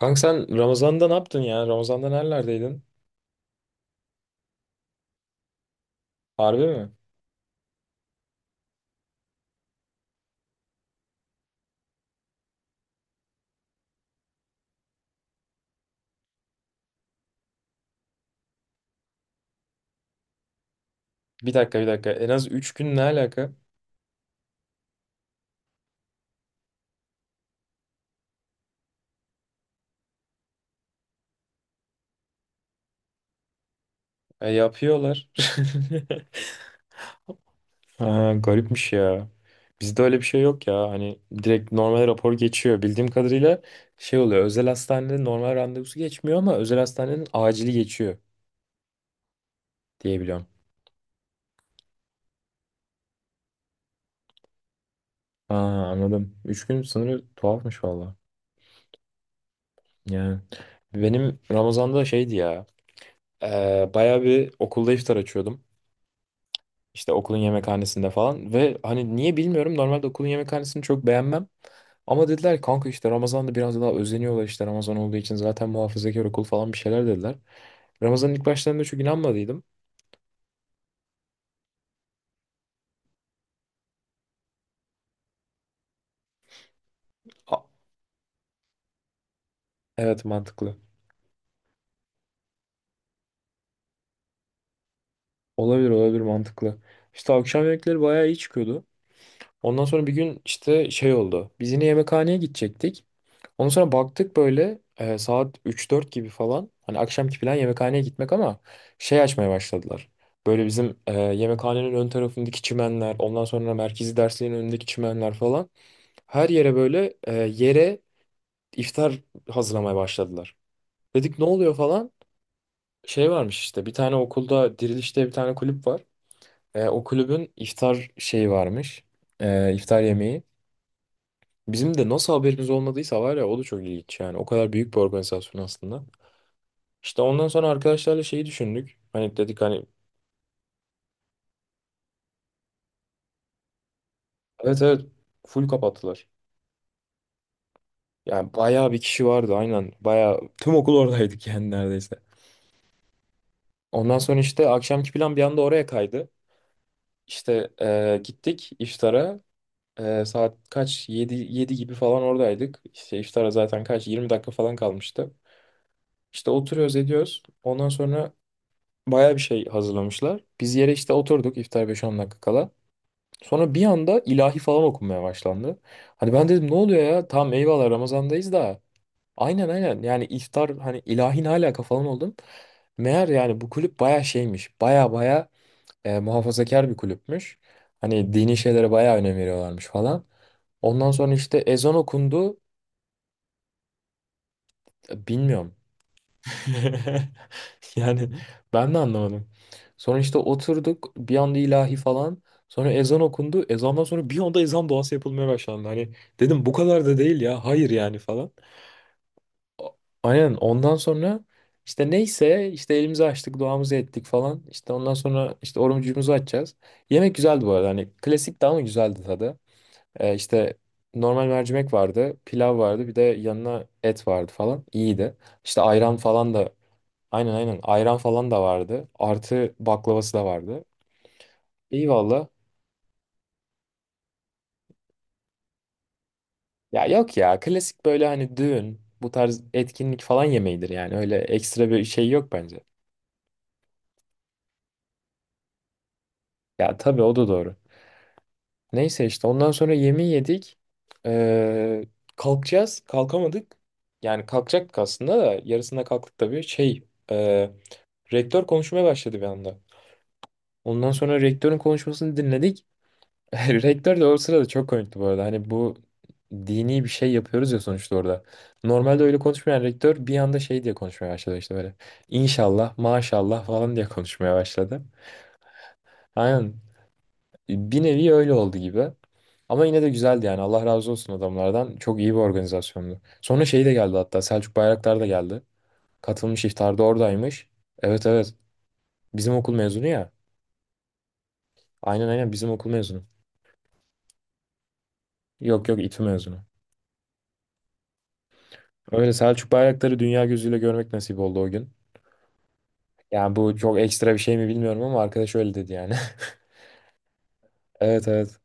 Kanka sen Ramazan'da ne yaptın ya? Ramazan'da nerelerdeydin? Harbi mi? Bir dakika, bir dakika. En az 3 gün ne alaka? E, yapıyorlar. Ha, garipmiş ya. Bizde öyle bir şey yok ya. Hani direkt normal rapor geçiyor. Bildiğim kadarıyla şey oluyor. Özel hastanede normal randevusu geçmiyor ama özel hastanenin acili geçiyor diye biliyorum. Ha, anladım. 3 gün sınırı tuhafmış valla. Yani benim Ramazan'da şeydi ya. Bayağı bir okulda iftar açıyordum. İşte okulun yemekhanesinde falan ve hani niye bilmiyorum, normalde okulun yemekhanesini çok beğenmem. Ama dediler ki, kanka, işte Ramazan'da biraz daha özeniyorlar, işte Ramazan olduğu için zaten muhafazakar okul falan, bir şeyler dediler. Ramazan'ın ilk başlarında çok inanmadıydım. A- evet, mantıklı. Olabilir, olabilir, mantıklı. İşte akşam yemekleri bayağı iyi çıkıyordu. Ondan sonra bir gün işte şey oldu. Biz yine yemekhaneye gidecektik. Ondan sonra baktık, böyle saat üç dört gibi falan. Hani akşamki plan yemekhaneye gitmek ama şey açmaya başladılar. Böyle bizim yemekhanenin ön tarafındaki çimenler, ondan sonra merkezi dersliğin önündeki çimenler falan. Her yere böyle yere iftar hazırlamaya başladılar. Dedik ne oluyor falan. Şey varmış, işte bir tane okulda Diriliş diye bir tane kulüp var. O kulübün iftar şeyi varmış. İftar yemeği. Bizim de nasıl haberimiz olmadıysa, var ya, o da çok ilginç yani. O kadar büyük bir organizasyon aslında. İşte ondan sonra arkadaşlarla şeyi düşündük. Hani dedik hani, evet evet full kapattılar. Yani bayağı bir kişi vardı, aynen. Bayağı tüm okul oradaydık yani, neredeyse. Ondan sonra işte akşamki plan bir anda oraya kaydı. İşte gittik iftara. Saat kaç? Yedi 7 gibi falan oradaydık. İşte iftara zaten kaç? 20 dakika falan kalmıştı. İşte oturuyoruz, ediyoruz. Ondan sonra bayağı bir şey hazırlamışlar. Biz yere işte oturduk, iftar beş on dakika kala. Sonra bir anda ilahi falan okunmaya başlandı. Hani ben dedim ne oluyor ya? Tamam, eyvallah, Ramazan'dayız da. Aynen, aynen, yani iftar, hani ilahi, ne alaka falan oldum. Meğer yani bu kulüp baya şeymiş. Baya baya muhafazakar bir kulüpmüş. Hani dini şeylere baya önem veriyorlarmış falan. Ondan sonra işte ezan okundu. Bilmiyorum. Yani ben de anlamadım. Sonra işte oturduk, bir anda ilahi falan. Sonra ezan okundu. Ezandan sonra bir anda ezan duası yapılmaya başlandı. Hani dedim bu kadar da değil ya. Hayır yani falan. Aynen, ondan sonra işte neyse, işte elimizi açtık, duamızı ettik falan. İşte ondan sonra işte orucumuzu açacağız. Yemek güzeldi bu arada. Hani klasik ama güzeldi tadı. İşte normal mercimek vardı. Pilav vardı. Bir de yanına et vardı falan. İyiydi. İşte ayran falan da. Aynen, aynen. Ayran falan da vardı. Artı baklavası da vardı. İyi valla. Ya yok ya. Klasik böyle hani düğün, bu tarz etkinlik falan yemeğidir yani. Öyle ekstra bir şey yok bence. Ya tabii, o da doğru. Neyse, işte ondan sonra yemeği yedik. Ee, Kalkacağız. Kalkamadık. Yani kalkacaktık aslında da yarısında kalktık tabii. Şey, e, rektör konuşmaya başladı bir anda. Ondan sonra rektörün konuşmasını dinledik. Rektör de o sırada çok komikti bu arada. Hani bu dini bir şey yapıyoruz ya sonuçta orada. Normalde öyle konuşmayan rektör bir anda şey diye konuşmaya başladı, işte böyle. İnşallah, maşallah falan diye konuşmaya başladı. Aynen. Bir nevi öyle oldu gibi. Ama yine de güzeldi yani. Allah razı olsun adamlardan. Çok iyi bir organizasyondu. Sonra şey de geldi hatta. Selçuk Bayraktar da geldi. Katılmış, iftarda oradaymış. Evet, evet. Bizim okul mezunu ya. Aynen, aynen, bizim okul mezunu. Yok yok, İTÜ mezunu. Öyle Selçuk Bayraktar'ı dünya gözüyle görmek nasip oldu o gün. Yani bu çok ekstra bir şey mi bilmiyorum ama arkadaş öyle dedi yani. Evet, evet.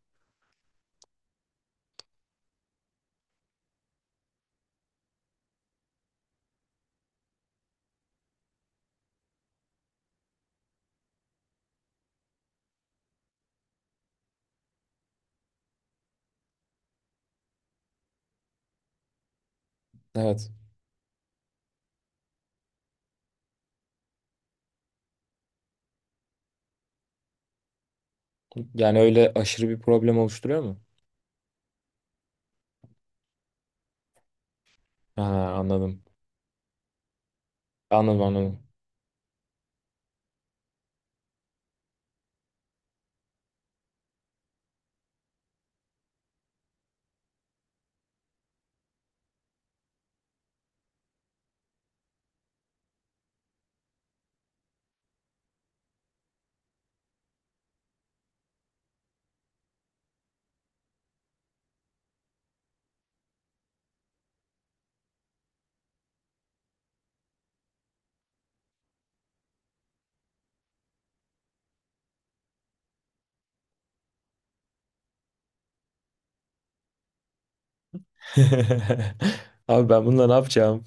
Evet. Yani öyle aşırı bir problem oluşturuyor mu? Ha, anladım. Anladım, anladım. Abi ben bununla ne yapacağım?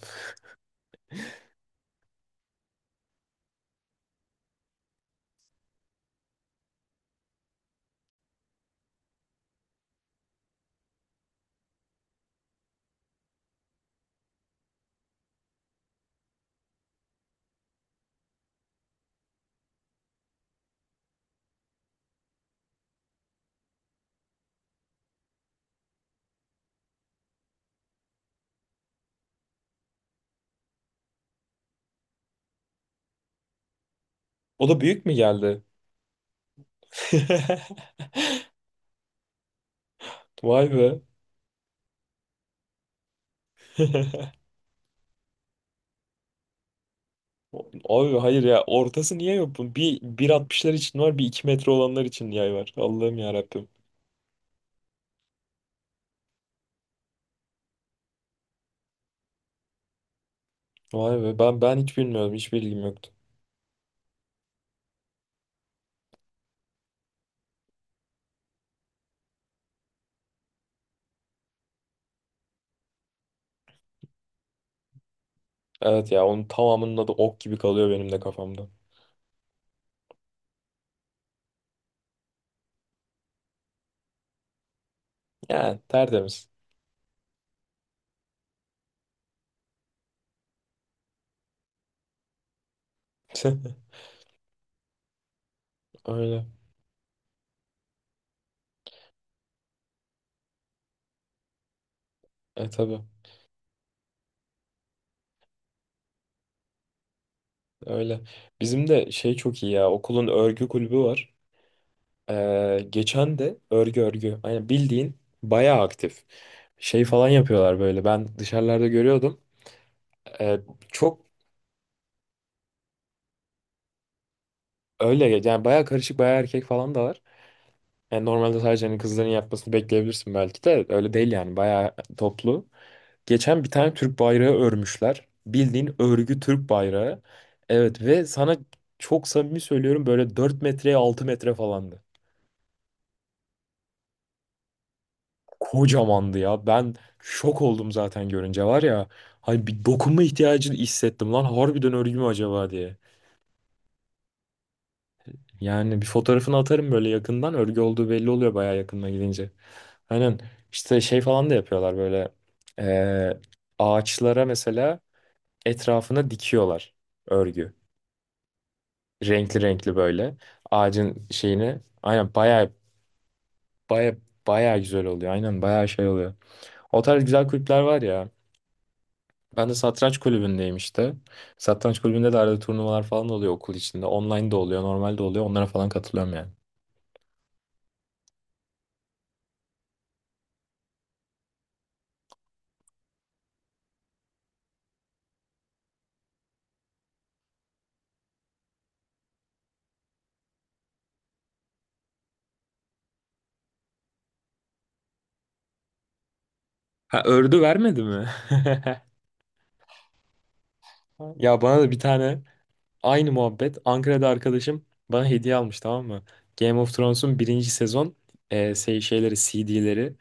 O da büyük mü geldi? Vay be. Abi, hayır ya, ortası niye yok bunun? Bir 1,60'lar için var, bir 2 metre olanlar için yay var. Allah'ım, ya Rabbim. Vay be, ben hiç bilmiyordum, hiç bilgim yoktu. Evet ya, onun tamamının adı ok gibi kalıyor benim de kafamda. Yani tertemiz. Öyle. E tabii. Öyle. Bizim de şey çok iyi ya. Okulun örgü kulübü var. Geçen de örgü örgü. Aynen, bildiğin bayağı aktif. Şey falan yapıyorlar böyle. Ben dışarılarda görüyordum. Ee, Çok öyle yani, bayağı karışık, bayağı erkek falan da var. Yani normalde sadece hani kızların yapmasını bekleyebilirsin, belki de öyle değil yani, bayağı toplu. Geçen bir tane Türk bayrağı örmüşler. Bildiğin örgü Türk bayrağı. Evet, ve sana çok samimi söylüyorum, böyle 4 metreye 6 metre falandı. Kocamandı ya. Ben şok oldum zaten görünce, var ya. Hani bir dokunma ihtiyacı hissettim lan. Harbiden örgü mü acaba diye. Yani bir fotoğrafını atarım böyle, yakından. Örgü olduğu belli oluyor bayağı yakınına gidince. Aynen, işte şey falan da yapıyorlar böyle. eee, ağaçlara mesela, etrafına dikiyorlar örgü. Renkli renkli böyle. Ağacın şeyini. Aynen, baya baya baya güzel oluyor. Aynen, baya şey oluyor. O tarz güzel kulüpler var ya. Ben de satranç kulübündeyim işte. Satranç kulübünde de arada turnuvalar falan da oluyor okul içinde. Online de oluyor, normal de oluyor. Onlara falan katılıyorum yani. Ha, ördü vermedi mi? Ya bana da bir tane aynı muhabbet. Ankara'da arkadaşım bana hediye almış, tamam mı? Game of Thrones'un birinci sezon şey, şeyleri, CD'leri.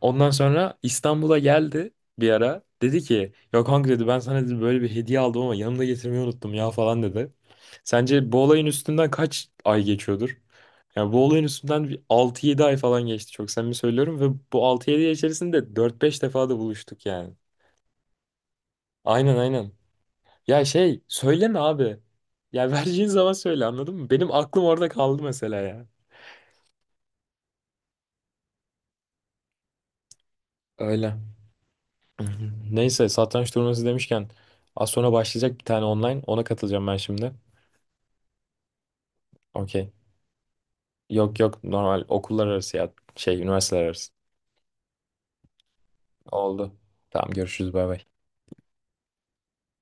Ondan sonra İstanbul'a geldi bir ara. Dedi ki ya kanka, dedi, ben sana dedi böyle bir hediye aldım ama yanımda getirmeyi unuttum ya falan dedi. Sence bu olayın üstünden kaç ay geçiyordur? Yani bu olayın üstünden bir 6-7 ay falan geçti, çok samimi söylüyorum, ve bu 6-7 ay içerisinde dört beş defa da buluştuk yani. Aynen, aynen. Ya şey söyleme abi. Ya, vereceğin zaman söyle, anladın mı? Benim aklım orada kaldı mesela ya. Öyle. Neyse, satranç turnuvası demişken az sonra başlayacak bir tane online. Ona katılacağım ben şimdi. Okey. Yok yok, normal okullar arası ya. Şey, üniversiteler arası. Oldu. Tamam, görüşürüz, bay bay.